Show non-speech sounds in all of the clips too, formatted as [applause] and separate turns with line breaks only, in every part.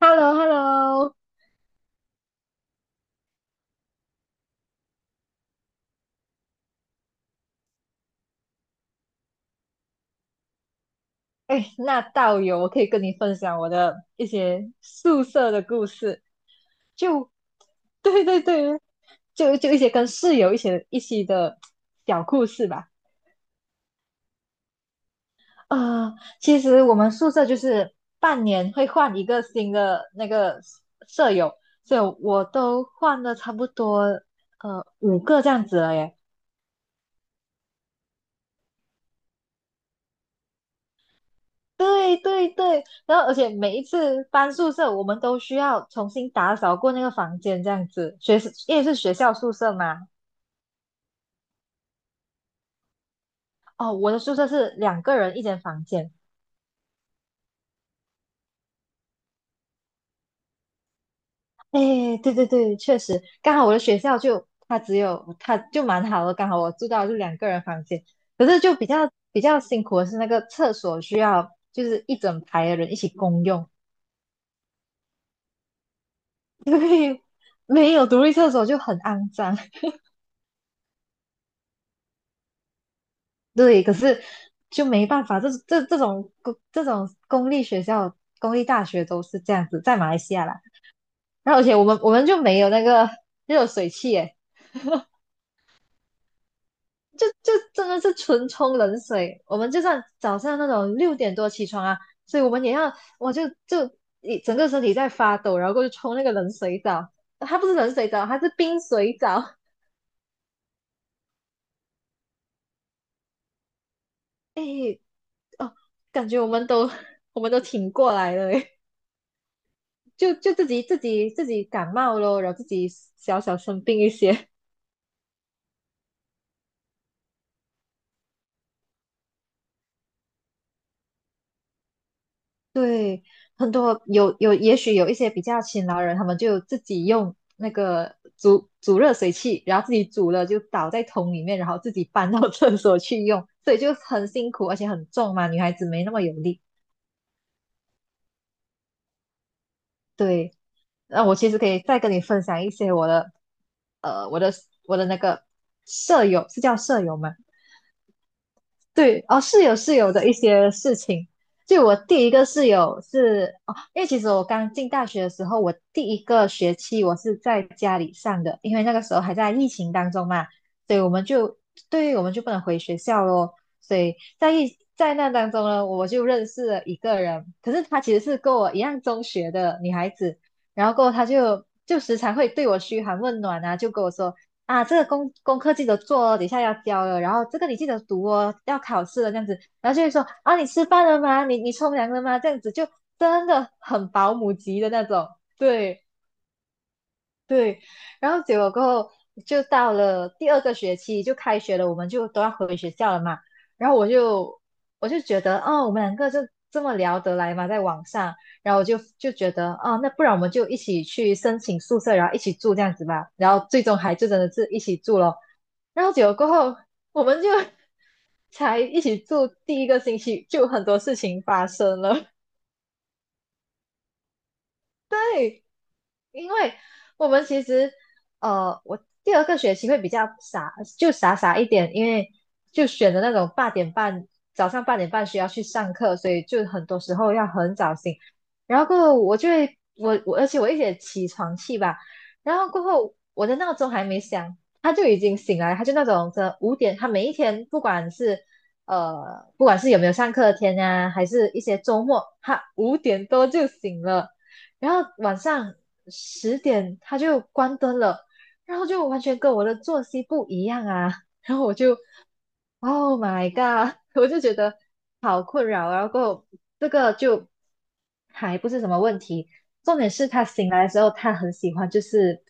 Hello Hello 哎，那道友，我可以跟你分享我的一些宿舍的故事。就，对对对，就一些跟室友一些的小故事吧。啊，其实我们宿舍就是半年会换一个新的那个舍友，所以我都换了差不多5个这样子了耶。对对对，然后而且每一次搬宿舍，我们都需要重新打扫过那个房间，这样子。因为是学校宿舍嘛。哦，我的宿舍是两个人一间房间。哎，对对对，确实，刚好我的学校就它只有它就蛮好的，刚好我住到就两个人房间。可是就比较辛苦的是那个厕所需要就是一整排的人一起共用。[laughs] 因为没有独立厕所就很肮脏。对，可是就没办法，这种公立学校、公立大学都是这样子，在马来西亚啦。然后而且我们就没有那个热水器。诶，就真的是纯冲冷水。我们就算早上那种6点多起床啊，所以我们也要，我一整个身体在发抖，然后过去冲那个冷水澡。它不是冷水澡，它是冰水澡。[laughs] 诶，哦，感觉我们都 [laughs] 我们都挺过来了，诶。就就自己感冒咯，然后自己小小生病一些。[laughs] 对，很多有，也许有一些比较勤劳人，他们就自己用那个煮煮热水器，然后自己煮了就倒在桶里面，然后自己搬到 [laughs] 厕所去用，所以就很辛苦，而且很重嘛，女孩子没那么有力。对，那我其实可以再跟你分享一些呃，我的我的那个舍友是叫舍友吗？对，哦，室友的一些事情。就我第一个室友是哦，因为其实我刚进大学的时候，我第一个学期我是在家里上的，因为那个时候还在疫情当中嘛，所以我们就对，于我们就不能回学校咯。所以在疫在那当中呢，我就认识了一个人，可是她其实是跟我一样中学的女孩子，然后过后她就时常会对我嘘寒问暖啊。就跟我说，啊，这个功课记得做哦，等一下要交了，然后这个你记得读哦，要考试了这样子。然后就会说啊，你吃饭了吗？你冲凉了吗？这样子就真的很保姆级的那种。对对，然后结果过后就到了第二个学期就开学了，我们就都要回学校了嘛。然后我就觉得哦，我们两个就这么聊得来嘛，在网上。然后我就觉得哦，那不然我们就一起去申请宿舍，然后一起住这样子吧。然后最终还就真的是一起住了。然后结果过后，我们就 [laughs] 才一起住第一个星期，就很多事情发生了。[laughs] 对，因为我们其实，我第二个学期会比较傻，就傻傻一点。因为就选的那种八点半，早上八点半需要去上课，所以就很多时候要很早醒。然后过后我就会，我而且我一点起床气吧。然后过后我的闹钟还没响，他就已经醒来。他就那种这五点，他每一天不管是呃不管是有没有上课的天啊，还是一些周末，他5点多就醒了。然后晚上10点他就关灯了，然后就完全跟我的作息不一样啊。然后我就 Oh my god！[laughs] 我就觉得好困扰啊。然后过后这个就还不是什么问题，重点是他醒来的时候，他很喜欢就是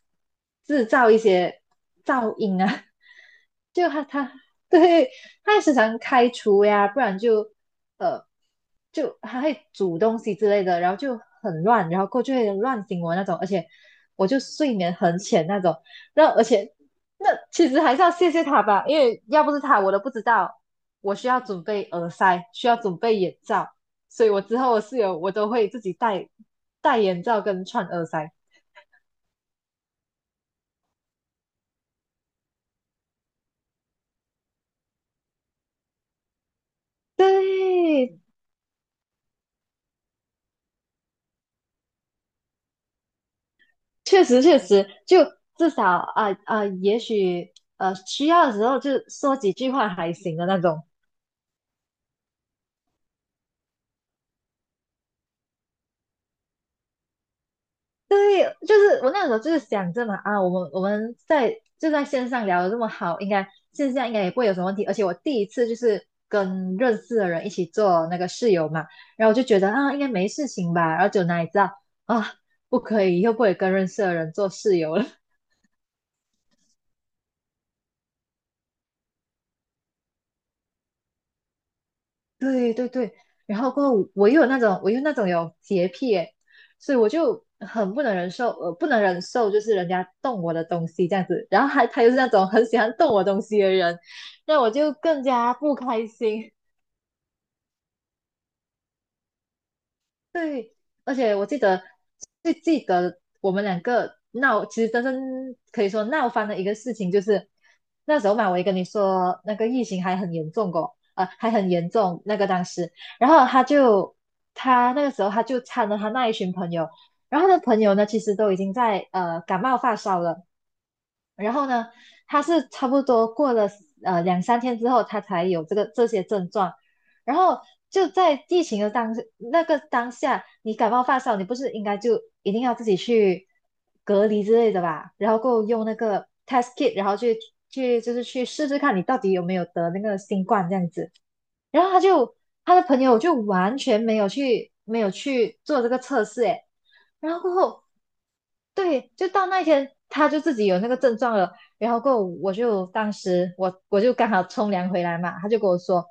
制造一些噪音啊。[laughs] 就他对，他还时常开除呀，不然就呃他会煮东西之类的。然后就很乱，然后过后就会乱醒我那种，而且我就睡眠很浅那种。那而且那其实还是要谢谢他吧，因为要不是他，我都不知道我需要准备耳塞，需要准备眼罩。所以我之后我室友我都会自己戴眼罩跟串耳塞。对，确实确实，就至少也许需要的时候就说几句话还行的那种。对，就是我那时候就是想着嘛，啊，我们在就在线上聊的这么好，应该线下应该也不会有什么问题。而且我第一次就是跟认识的人一起做那个室友嘛。然后我就觉得啊，应该没事情吧。然后就哪里知道啊，不可以，以后不可以跟认识的人做室友了。对对对，然后过后我又那种有洁癖耶。所以我就很不能忍受就是人家动我的东西这样子。然后还他又是那种很喜欢动我东西的人，那我就更加不开心。对，而且我记得最记得我们两个闹，其实真正可以说闹翻的一个事情，就是那时候嘛。我也跟你说那个疫情还很严重过，还很严重那个当时。然后他那个时候参了他那一群朋友。然后他的朋友呢，其实都已经在感冒发烧了。然后呢，他是差不多过了两三天之后，他才有这些症状。然后就在疫情的那个当下，你感冒发烧，你不是应该就一定要自己去隔离之类的吧？然后够用那个 test kit，然后去去就是去试试看你到底有没有得那个新冠这样子。然后他的朋友就完全没有去做这个测试。诶，然后过后对，就到那一天，他就自己有那个症状了。然后过后我就当时我我就刚好冲凉回来嘛，他就跟我说，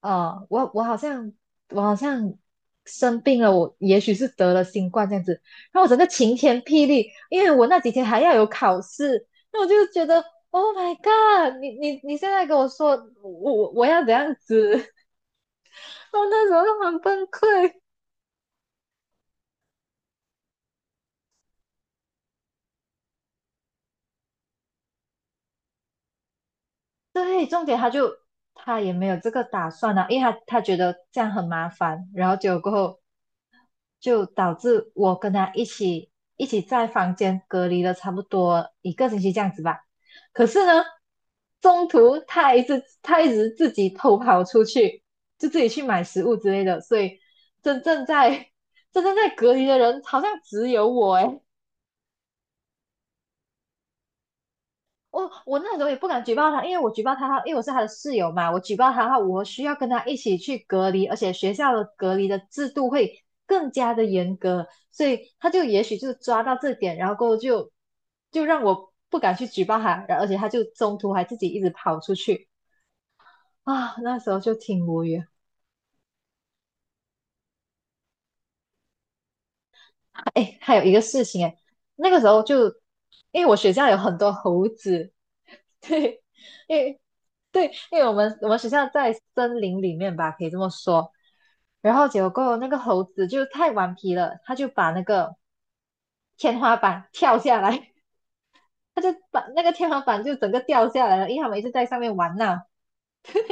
呃，我我好像我好像生病了，我也许是得了新冠这样子。然后我整个晴天霹雳，因为我那几天还要有考试。那我就觉得，Oh my God，你现在跟我说我要怎样子。[laughs] 我那时候就很崩溃。对，重点他也没有这个打算啊，因为他觉得这样很麻烦。然后结果过后就导致我跟他一起在房间隔离了差不多一个星期这样子吧。可是呢，中途他一直自己偷跑出去，就自己去买食物之类的。所以真正在 [laughs] 真正在隔离的人好像只有我诶。我那时候也不敢举报他，因为我举报他，因为我是他的室友嘛，我举报他的话，我需要跟他一起去隔离，而且学校的隔离的制度会更加的严格。所以他就也许就抓到这点，然后过后就让我不敢去举报他。然后而且他就中途还自己一直跑出去啊，那时候就挺无语。哎，还有一个事情哎。那个时候就因为我学校有很多猴子。[laughs] 对，因为对，因为我们学校在森林里面吧，可以这么说。然后结果那个猴子就太顽皮了，他就把那个天花板跳下来。[laughs] 他就把那个天花板就整个掉下来了，因为他们一直在上面玩闹。[laughs]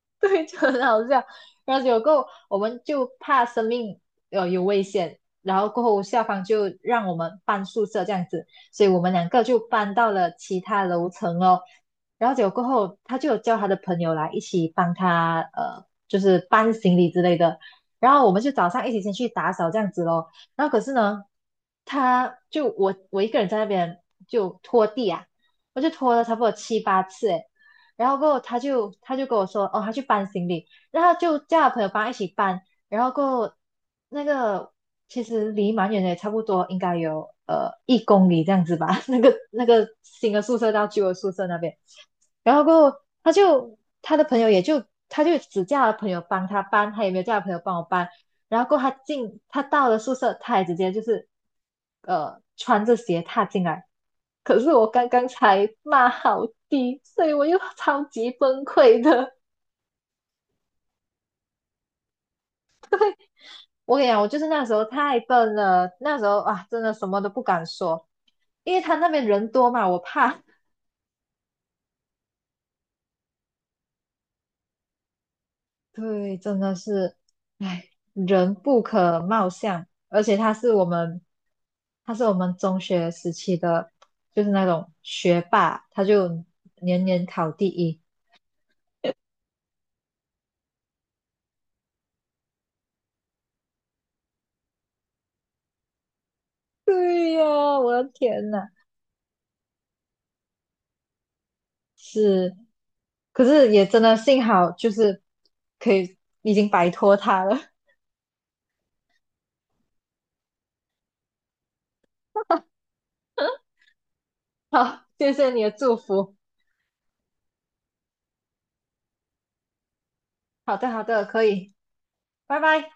[laughs] 对，就很好笑。然后有后，我们就怕生命有危险。然后过后校方就让我们搬宿舍这样子，所以我们两个就搬到了其他楼层哦。然后结果过后，他就有叫他的朋友来一起帮他就是搬行李之类的。然后我们就早上一起先去打扫这样子咯。然后可是呢，他就我我一个人在那边就拖地啊，我就拖了差不多七八次诶。然后过后他就跟我说，哦，他去搬行李，然后他就叫他朋友帮他一起搬。然后过后那个其实离蛮远的，也差不多应该有1公里这样子吧。[laughs] 那个新的宿舍到旧的宿舍那边。然后过后他就他的朋友也就他就只叫他朋友帮他搬，他也没有叫他朋友帮我搬。然后过后他到了宿舍，他也直接就是穿着鞋踏进来。可是我刚刚才骂好低，所以我又超级崩溃的。[laughs] 我跟你讲，我就是那时候太笨了，那时候啊，真的什么都不敢说，因为他那边人多嘛，我怕。[laughs] 对，真的是，唉，人不可貌相。而且他是我们中学时期的，就是那种学霸，他就年年考第一。对呀，我的天呐，是可是也真的幸好就是可以已经摆脱它了。[laughs] 好，谢谢你的祝福。好的，好的，可以，拜拜。